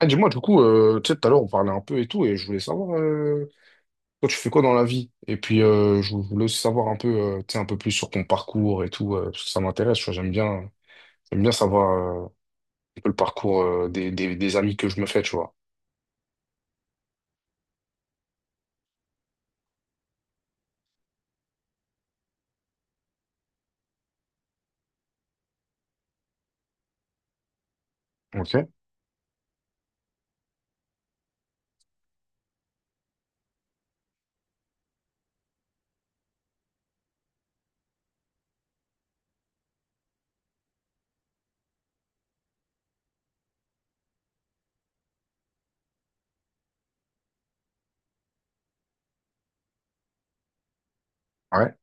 Ah, dis-moi, du coup, tu sais, tout à l'heure, on parlait un peu et tout, et je voulais savoir, toi, tu fais quoi dans la vie? Et puis, je voulais aussi savoir un peu, tu sais, un peu plus sur ton parcours et tout, parce que ça m'intéresse, tu vois, j'aime bien savoir euh, un peu le parcours des amis que je me fais, tu vois. Ok. Ouais.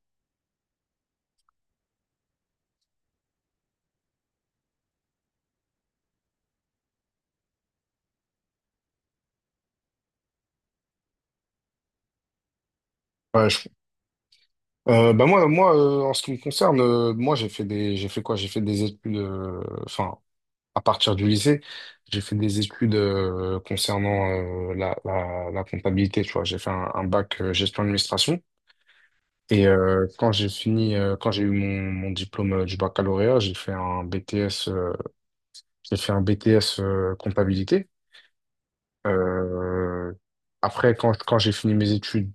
Ouais, bah moi, en ce qui me concerne, moi, j'ai fait quoi? J'ai fait des études, enfin, à partir du lycée, j'ai fait des études concernant la comptabilité, tu vois. J'ai fait un bac gestion administration. Et quand j'ai eu mon diplôme du baccalauréat, j'ai fait un j'ai fait un BTS comptabilité. Euh, après, quand j'ai fini mes études,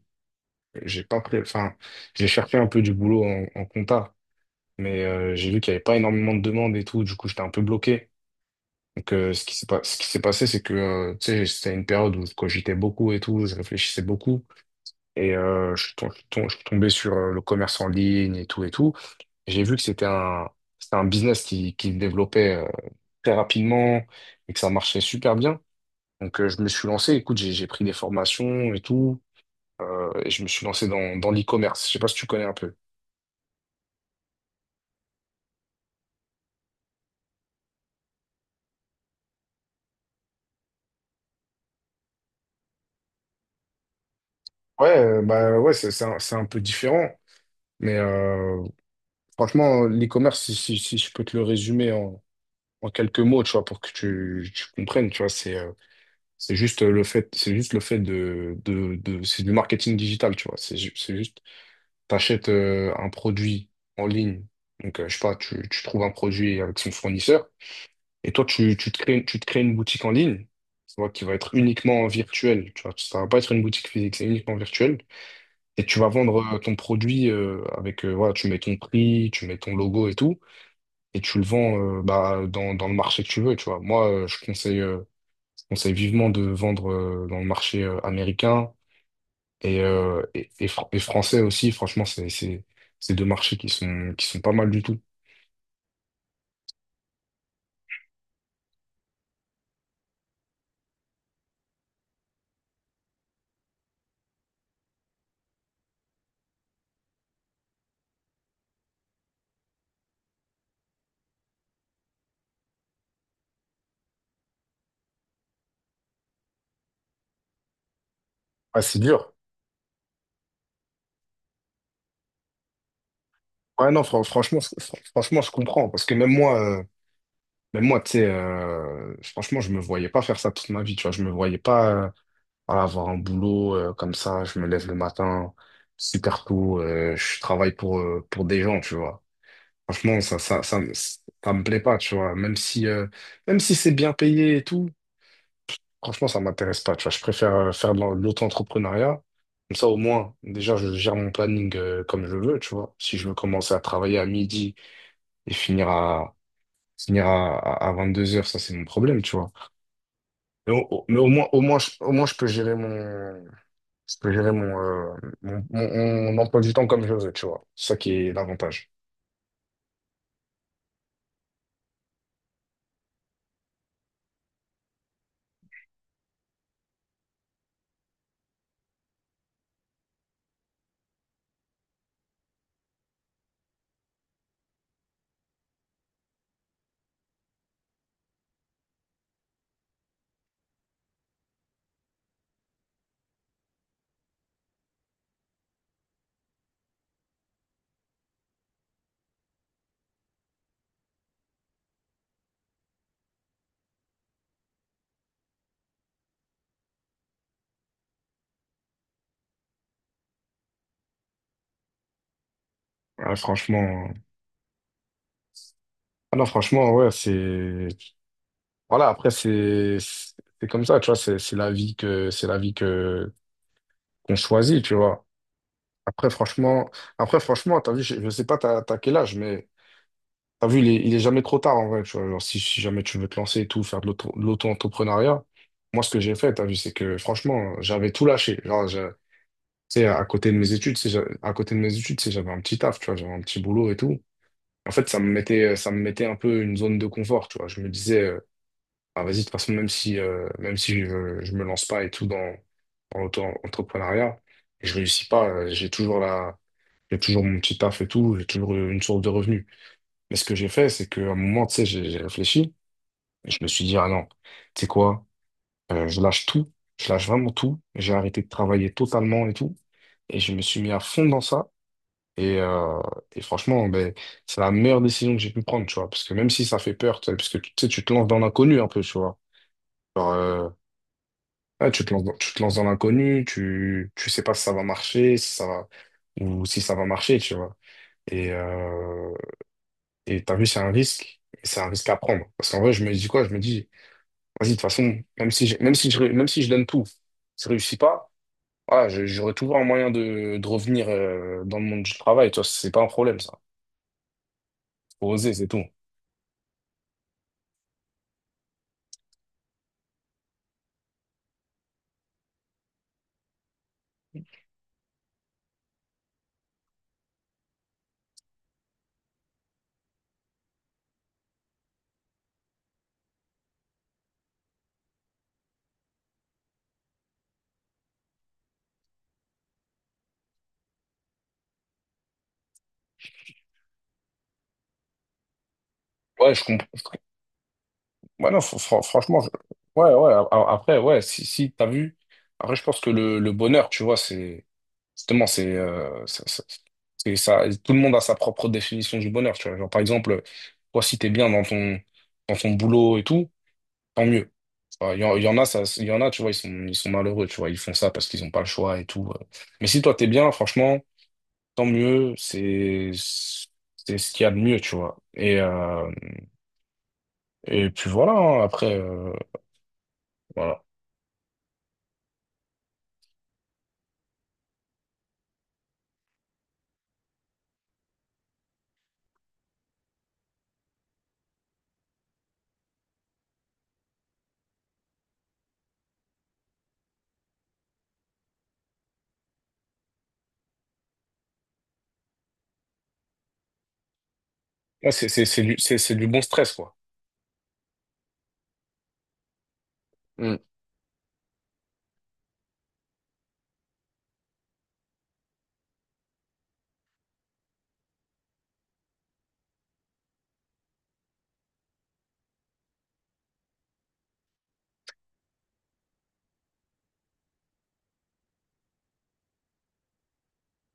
j'ai pas pris, enfin, j'ai cherché un peu du boulot en, en compta, mais j'ai vu qu'il n'y avait pas énormément de demandes et tout, du coup, j'étais un peu bloqué. Donc, ce qui s'est pas, ce qui s'est passé, c'est que, tu sais, c'était une période où je cogitais beaucoup et tout, je réfléchissais beaucoup. Et je suis tombé sur le commerce en ligne et tout et tout. J'ai vu que c'était un business qui se développait très rapidement et que ça marchait super bien. Donc je me suis lancé, écoute, j'ai pris des formations et tout, et je me suis lancé dans l'e-commerce. Je sais pas si tu connais un peu. Ouais, bah ouais, c'est un peu différent. Mais franchement, l'e-commerce, si je peux te le résumer en, en quelques mots, tu vois, pour que tu comprennes, tu vois, c'est juste le fait, c'est du marketing digital, tu vois. C'est, ju- c'est juste, t'achètes un produit en ligne. Donc, je sais pas, tu trouves un produit avec son fournisseur et toi, tu te crées une boutique en ligne, tu vois, qui va être uniquement virtuelle, tu vois. Ça va pas être une boutique physique, c'est uniquement virtuel. Et tu vas vendre ton produit voilà, tu mets ton prix, tu mets ton logo et tout, et tu le vends bah, dans le marché que tu veux, tu vois. Moi, je conseille. Conseille vivement de vendre dans le marché américain et, et et français aussi. Franchement, c'est deux marchés qui sont pas mal du tout. Ah, c'est dur. Ouais, non, franchement, franchement, je comprends. Parce que même moi, tu sais, franchement, je me voyais pas faire ça toute ma vie. Tu vois, je me voyais pas voilà, avoir un boulot comme ça. Je me lève le matin super tôt. Je travaille pour des gens, tu vois. Franchement, ça me plaît pas, tu vois. Même si c'est bien payé et tout, franchement, ça m'intéresse pas, tu vois. Je préfère faire de l'auto-entrepreneuriat. Comme ça, au moins, déjà, je gère mon planning comme je veux, tu vois. Si je veux commencer à travailler à midi et finir à, à 22 heures, ça, c'est mon problème, tu vois. Mais au, au- mais au moins, je peux gérer je peux gérer mon, mon emploi du temps comme je veux, tu vois. C'est ça qui est l'avantage. Ouais, franchement, ah non, franchement, ouais, c'est, voilà, après, c'est c'est comme ça, tu vois. C'est la vie que, qu'on choisit, tu vois. Après, franchement, après, franchement, t'as vu, je sais pas t'as quel âge, mais t'as vu, il est jamais trop tard en vrai, tu vois. Genre, si jamais tu veux te lancer et tout, faire de l'auto, de l'auto-entrepreneuriat, moi, ce que j'ai fait, t'as vu, c'est que franchement, j'avais tout lâché. Genre, tu sais, à côté de mes études, c'est, j'avais un petit taf, tu vois, j'avais un petit boulot et tout. En fait, ça me mettait un peu une zone de confort, tu vois. Je me disais, ah, vas-y, de toute façon, même si, je me lance pas et tout dans l'auto-entrepreneuriat, et je réussis pas, j'ai toujours j'ai toujours mon petit taf et tout, j'ai toujours une source de revenus. Mais ce que j'ai fait, c'est qu'à un moment, tu sais, j'ai réfléchi et je me suis dit, ah non, tu sais quoi, je lâche tout, je lâche vraiment tout. J'ai arrêté de travailler totalement et tout. Et je me suis mis à fond dans ça. Et, euh, et franchement, ben, c'est la meilleure décision que j'ai pu prendre, tu vois. Parce que même si ça fait peur, tu sais, parce que tu sais, tu te lances dans l'inconnu un peu, tu vois. Genre, euh, ouais, tu te lances tu te lances dans l'inconnu, tu sais pas si ça va marcher, si ça va, ou si ça va marcher, tu vois. Et, et t'as vu, c'est un risque, mais c'est un risque à prendre. Parce qu'en vrai, je me dis quoi? Je me dis, vas-y, de toute façon, même si je donne tout, si je réussis pas, voilà, j'aurai toujours un moyen de revenir dans le monde du travail. Toi, c'est pas un problème, ça. Faut oser, c'est tout. Ouais, je comprends. Ouais, non, franchement, ouais, ouais, après, ouais, si, si, t'as vu, après, je pense que le bonheur, tu vois, c'est, justement, c'est, c'est ça, tout le monde a sa propre définition du bonheur, tu vois. Genre, par exemple, toi, si t'es bien dans ton boulot et tout, tant mieux. Enfin, il y en a, ça, il y en a, tu vois, ils sont malheureux, tu vois, ils font ça parce qu'ils n'ont pas le choix et tout. Mais si toi, t'es bien, franchement, tant mieux, c'est ce qu'il y a de mieux, tu vois. Et puis voilà, hein, après, voilà. Ah, c'est du bon stress, quoi. Hmm.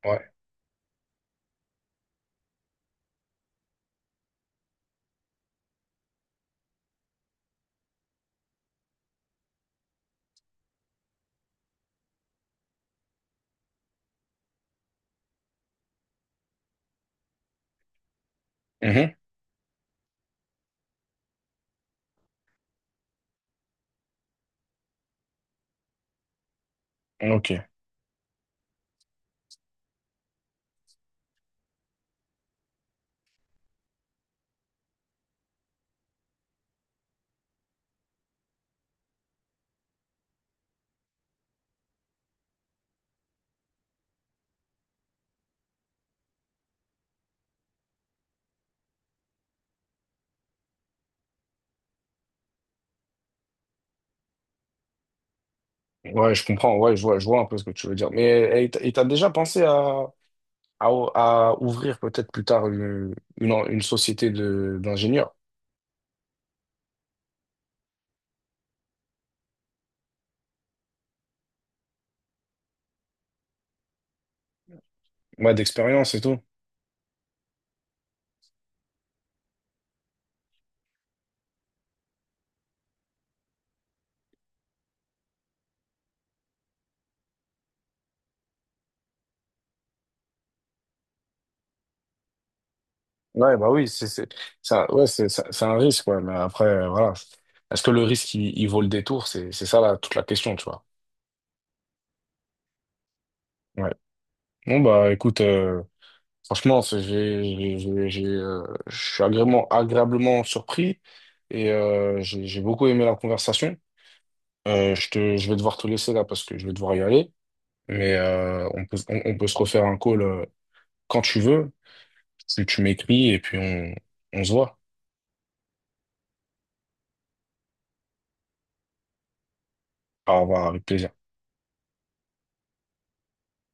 Ouais. Mhm. Ok. Ouais, je comprends. Ouais, je vois un peu ce que tu veux dire. Mais et et t'as déjà pensé à, à, à ouvrir peut-être plus tard une société de, d'ingénieurs, ouais, d'expérience et tout. Ouais, bah oui, c'est ça, ouais, c'est un risque, ouais, mais après, voilà. Est-ce que le risque, il vaut le détour? C'est ça, toute la question, tu vois. Ouais. Bon, bah écoute, franchement, j'ai, je suis agréablement surpris et j'ai beaucoup aimé la conversation. Je vais devoir te laisser là parce que je vais devoir y aller, mais on peut se refaire un call quand tu veux. Tu m'écris et puis on se voit. Au revoir, avec plaisir.